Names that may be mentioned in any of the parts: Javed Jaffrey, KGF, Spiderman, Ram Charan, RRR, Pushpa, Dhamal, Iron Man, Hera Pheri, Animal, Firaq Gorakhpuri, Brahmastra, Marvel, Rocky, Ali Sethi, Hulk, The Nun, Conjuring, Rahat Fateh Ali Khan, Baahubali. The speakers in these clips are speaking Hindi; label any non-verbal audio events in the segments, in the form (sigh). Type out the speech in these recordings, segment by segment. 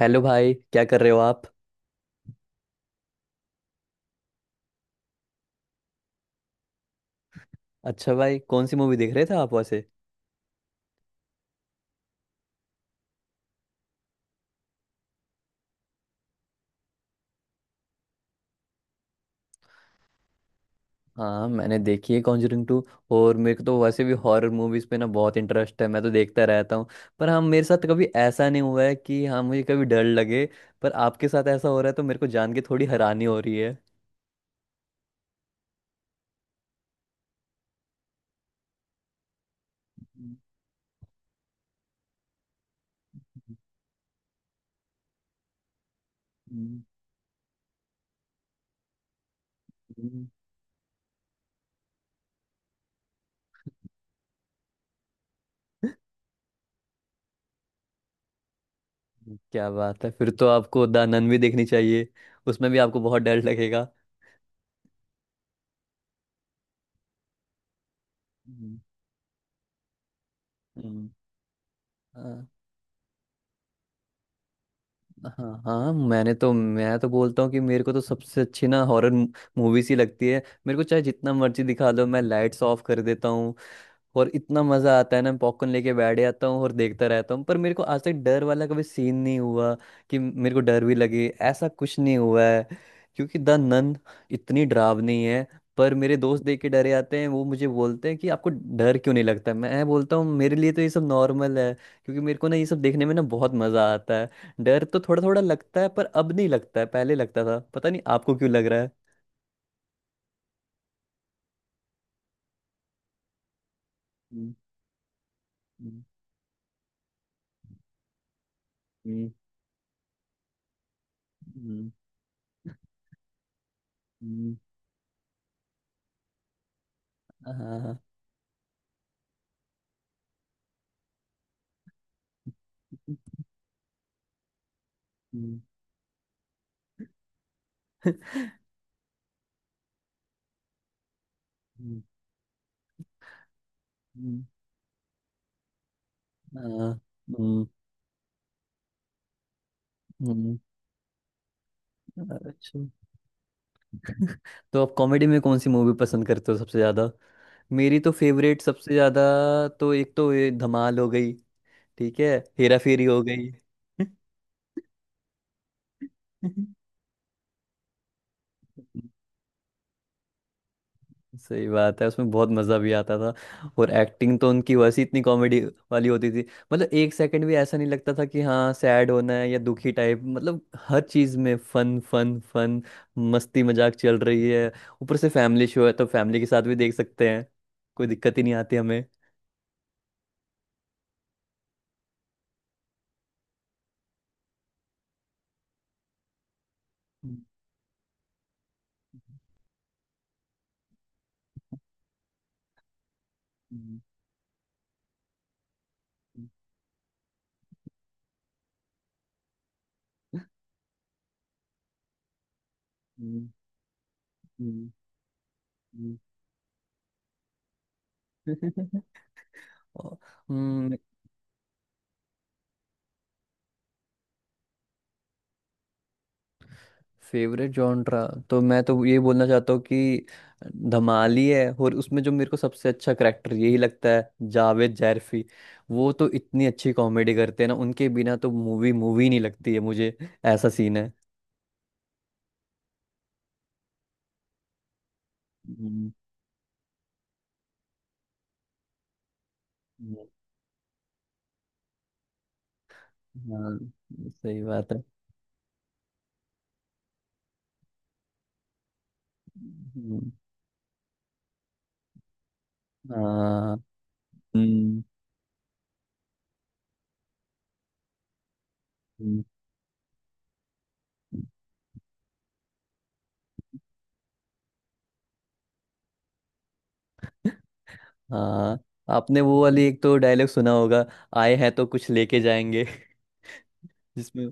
हेलो भाई, क्या कर रहे हो आप। अच्छा भाई, कौन सी मूवी देख रहे थे आप वैसे। हाँ मैंने देखी है कॉन्जरिंग टू। और मेरे को तो वैसे भी हॉरर मूवीज पे ना बहुत इंटरेस्ट है, मैं तो देखता रहता हूँ। पर हाँ मेरे साथ कभी ऐसा नहीं हुआ है कि हाँ मुझे कभी डर लगे। पर आपके साथ ऐसा हो रहा है तो मेरे को जान के थोड़ी हैरानी हो रही है। (laughs) हम्म, हम्म, हम्म, क्या बात है, फिर तो आपको द नन भी देखनी चाहिए। उसमें भी आपको बहुत डर लगेगा। हम्म, हम्म। हाँ हाँ, मैं तो बोलता हूँ कि मेरे को तो सबसे अच्छी ना हॉरर मूवीज ही लगती है। मेरे को चाहे जितना मर्जी दिखा दो, मैं लाइट्स ऑफ कर देता हूँ और इतना मजा आता है ना, पॉपकॉर्न लेके बैठ जाता हूँ और देखता रहता हूँ। पर मेरे को आज तक डर वाला कभी सीन नहीं हुआ कि मेरे को डर भी लगे, ऐसा कुछ नहीं हुआ है। क्योंकि द नन इतनी डरावनी है पर मेरे दोस्त देख के डरे जाते हैं, वो मुझे बोलते हैं कि आपको डर क्यों नहीं लगता। मैं बोलता हूँ मेरे लिए तो ये सब नॉर्मल है, क्योंकि मेरे को ना ये सब देखने में ना बहुत मजा आता है। डर तो थोड़ा थोड़ा लगता है पर अब नहीं लगता है, पहले लगता था। पता नहीं आपको क्यों लग रहा है। हम्म, हम्म, हम्म, हम्म, हम्म, हाँ। हम्म। (laughs) हम्म, हम्म, अ, हम्म, हम्म, अच्छा। तो आप कॉमेडी में कौन सी मूवी पसंद करते हो सबसे ज़्यादा। मेरी तो फेवरेट सबसे ज़्यादा, तो एक तो ये धमाल हो गई, ठीक है, हेरा फेरी हो गई। (laughs) सही बात है, उसमें बहुत मज़ा भी आता था। और एक्टिंग तो उनकी वैसे ही इतनी कॉमेडी वाली होती थी, मतलब एक सेकंड भी ऐसा नहीं लगता था कि हाँ सैड होना है या दुखी टाइप। मतलब हर चीज़ में फन फन फन, मस्ती मजाक चल रही है। ऊपर से फैमिली शो है तो फैमिली के साथ भी देख सकते हैं, कोई दिक्कत ही नहीं आती हमें। (laughs) हम्म, हम्म, हम्म, हम्म, हम्म। हम्म, (laughs) और- हम्म। फेवरेट जॉनरा तो मैं तो ये बोलना चाहता हूँ कि धमाली है, और उसमें जो मेरे को सबसे अच्छा करेक्टर यही लगता है, जावेद जैरफी। वो तो इतनी अच्छी कॉमेडी करते हैं ना, उनके बिना तो मूवी मूवी नहीं लगती है मुझे ऐसा सीन है। हम्म, हम्म, हाँ सही बात है। हम्म, हाँ। हम्म, हम्म, हाँ, आपने वो वाली एक तो डायलॉग सुना होगा, आए हैं तो कुछ लेके जाएंगे। (laughs) जिसमें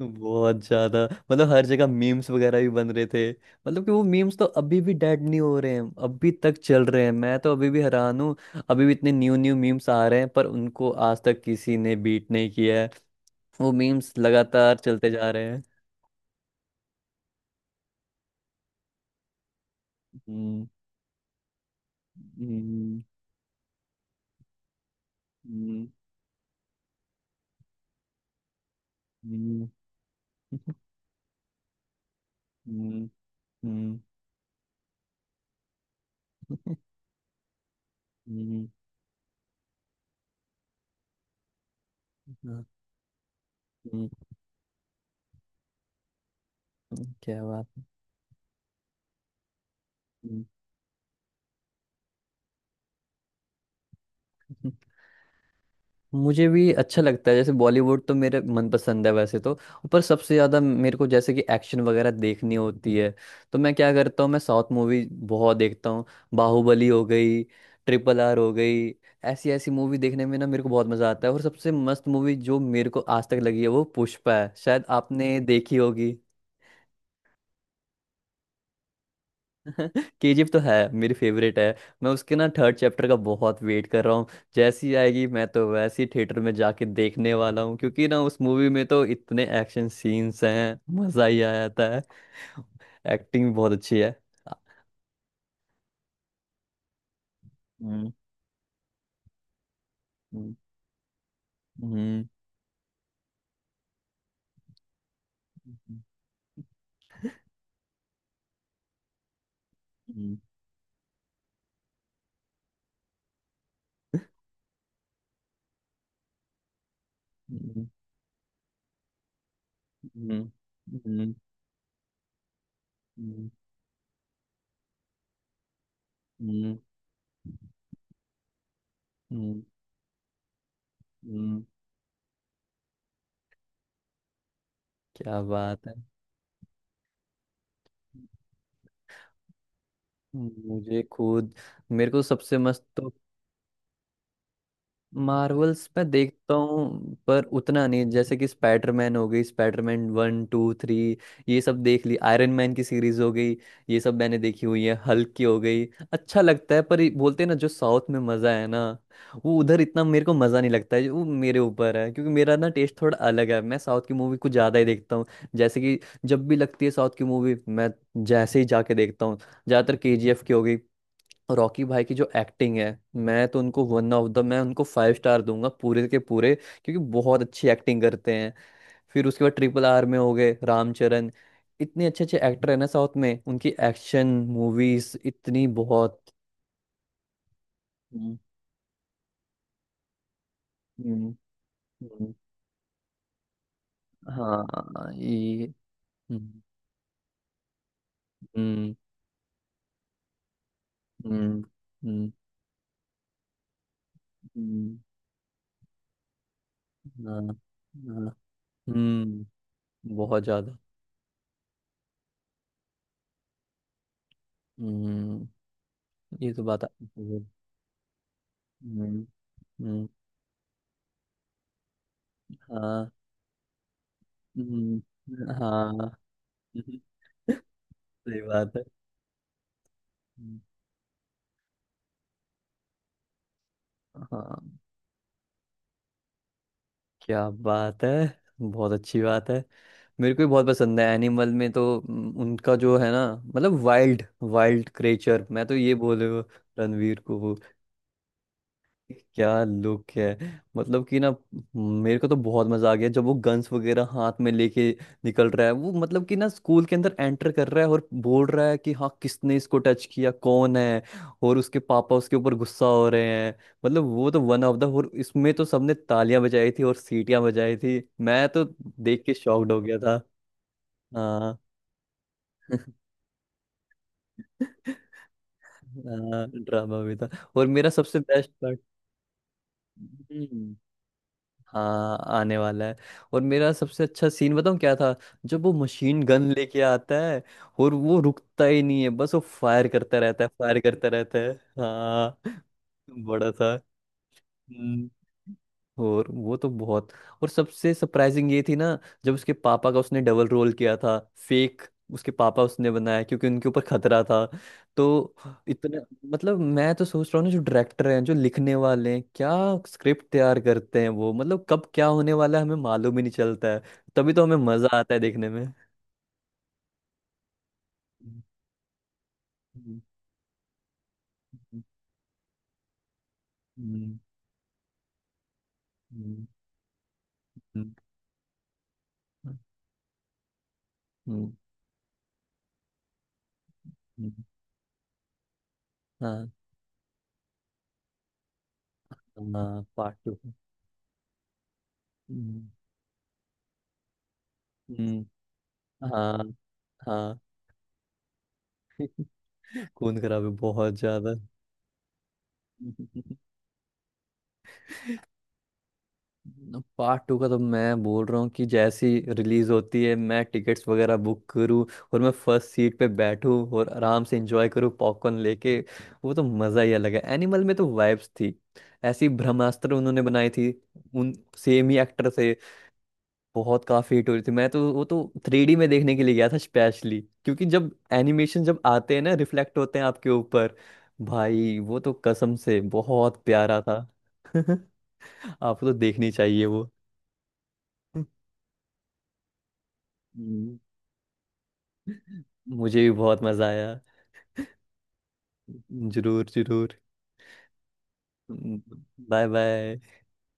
बहुत ज्यादा, मतलब हर जगह मीम्स वगैरह भी बन रहे थे। मतलब कि वो मीम्स तो अभी भी डेड नहीं हो रहे हैं, अभी तक चल रहे हैं। मैं तो अभी भी हैरान हूँ, अभी भी इतने न्यू न्यू मीम्स आ रहे हैं, पर उनको आज तक किसी ने बीट नहीं किया है। वो मीम्स लगातार चलते जा रहे हैं। हम्म, हम्म, हम्म, हम्म, हम्म, हम्म, हम्म, हम्म, क्या बात है। हम्म, मुझे भी अच्छा लगता है। जैसे बॉलीवुड तो मेरे मनपसंद है वैसे तो, पर सबसे ज़्यादा मेरे को जैसे कि एक्शन वगैरह देखनी होती है, तो मैं क्या करता हूँ, मैं साउथ मूवी बहुत देखता हूँ। बाहुबली हो गई, ट्रिपल आर हो गई, ऐसी ऐसी मूवी देखने में ना मेरे को बहुत मज़ा आता है। और सबसे मस्त मूवी जो मेरे को आज तक लगी है वो पुष्पा है, शायद आपने देखी होगी। (laughs) केजीएफ तो है मेरी फेवरेट है। मैं उसके ना थर्ड चैप्टर का बहुत वेट कर रहा हूँ। जैसी आएगी मैं तो वैसी थिएटर में जाके देखने वाला हूँ, क्योंकि ना उस मूवी में तो इतने एक्शन सीन्स हैं, मजा ही आ जाता है। एक्टिंग बहुत अच्छी है। हम्म, हम्म, हम्म, हम्म, हम्म, हम्म, हम्म, हम्म, हम्म, हम्म, क्या बात है। मुझे खुद, मेरे को सबसे मस्त तो, मार्वल्स मैं देखता हूँ पर उतना नहीं। जैसे कि स्पाइडरमैन हो गई, स्पाइडरमैन वन टू थ्री, ये सब देख ली, आयरन मैन की सीरीज हो गई, ये सब मैंने देखी हुई है, हल्क की हो गई। अच्छा लगता है पर ये बोलते हैं ना जो साउथ में मज़ा है ना, वो उधर इतना मेरे को मज़ा नहीं लगता है। वो मेरे ऊपर है, क्योंकि मेरा ना टेस्ट थोड़ा अलग है, मैं साउथ की मूवी कुछ ज़्यादा ही देखता हूँ। जैसे कि जब भी लगती है साउथ की मूवी, मैं जैसे ही जाके देखता हूँ। ज़्यादातर केजीएफ की हो गई, रॉकी भाई की जो एक्टिंग है, मैं तो उनको वन ऑफ द मैं उनको फाइव स्टार दूंगा पूरे के पूरे, क्योंकि बहुत अच्छी एक्टिंग करते हैं। फिर उसके बाद ट्रिपल आर में हो गए रामचरण, इतने अच्छे अच्छे एक्टर है ना साउथ में, उनकी एक्शन मूवीज इतनी बहुत। हम्म, हम्म, हम्म, हाँ ये। हम्म, हम्म, हम्म, हम्म, हम्म, हाँ, हाँ, हम्म, बहुत ज्यादा। हम्म, ये तो बात आपकी सही है। हम्म, हम्म, हाँ। हाँ। (laughs) सही बात है। हम्म, हाँ, क्या बात है, बहुत अच्छी बात है। मेरे को भी बहुत पसंद है, एनिमल में तो उनका जो है ना, मतलब वाइल्ड वाइल्ड क्रेचर, मैं तो ये बोले वो। रणवीर को वो क्या लुक है, मतलब कि ना मेरे को तो बहुत मजा आ गया जब वो गन्स वगैरह हाथ में लेके निकल रहा है। वो मतलब कि ना स्कूल के अंदर एंटर कर रहा है, और बोल रहा है कि हाँ, किसने इसको टच किया, कौन है। और उसके पापा उसके ऊपर गुस्सा हो रहे हैं। मतलब वो तो वन ऑफ द, और इसमें तो सबने तालियां बजाई थी और सीटियां बजाई थी, मैं तो देख के शॉक्ड हो गया था। हाँ। (laughs) हाँ ड्रामा भी था। और मेरा सबसे बेस्ट पार्ट, हाँ, आने वाला है। और मेरा सबसे अच्छा सीन बताऊं क्या था। जब वो मशीन गन लेके आता है और वो रुकता ही नहीं है, बस वो फायर करता रहता है, फायर करता रहता है। हाँ बड़ा था। हम्म। और वो तो बहुत, और सबसे सरप्राइजिंग ये थी ना, जब उसके पापा का उसने डबल रोल किया था। फेक उसके पापा उसने बनाया, क्योंकि उनके ऊपर खतरा था, तो इतना, मतलब मैं तो सोच रहा हूँ ना जो डायरेक्टर हैं जो लिखने वाले हैं, क्या स्क्रिप्ट तैयार करते हैं वो, मतलब कब क्या होने वाला है हमें मालूम ही नहीं चलता है। तभी तो हमें मजा आता है देखने में। (laughs) हम्म, हम्म, हम्म, हम्म, हम्म, हम्म, हम्म, हाँ। हाँ पार्ट टू। हम्म, हम्म, हाँ। हाँ। (laughs) खून खराब है बहुत ज्यादा। पार्ट टू का तो मैं बोल रहा हूँ कि जैसी रिलीज होती है, मैं टिकट्स वगैरह बुक करूँ, और मैं फर्स्ट सीट पे बैठूँ और आराम से एंजॉय करूँ पॉपकॉर्न लेके। वो तो मज़ा ही अलग है। एनिमल में तो वाइब्स थी ऐसी, ब्रह्मास्त्र उन्होंने बनाई थी, उन सेम ही एक्टर थे। बहुत काफी हिट हो रही थी। मैं तो वो तो थ्री डी में देखने के लिए गया था स्पेशली, क्योंकि जब एनिमेशन जब आते हैं ना, रिफ्लेक्ट होते हैं आपके ऊपर। भाई वो तो कसम से बहुत प्यारा था। (laughs) आपको तो देखनी चाहिए वो। (laughs) हम्म। मुझे भी बहुत मजा आया। जरूर जरूर। Bye bye.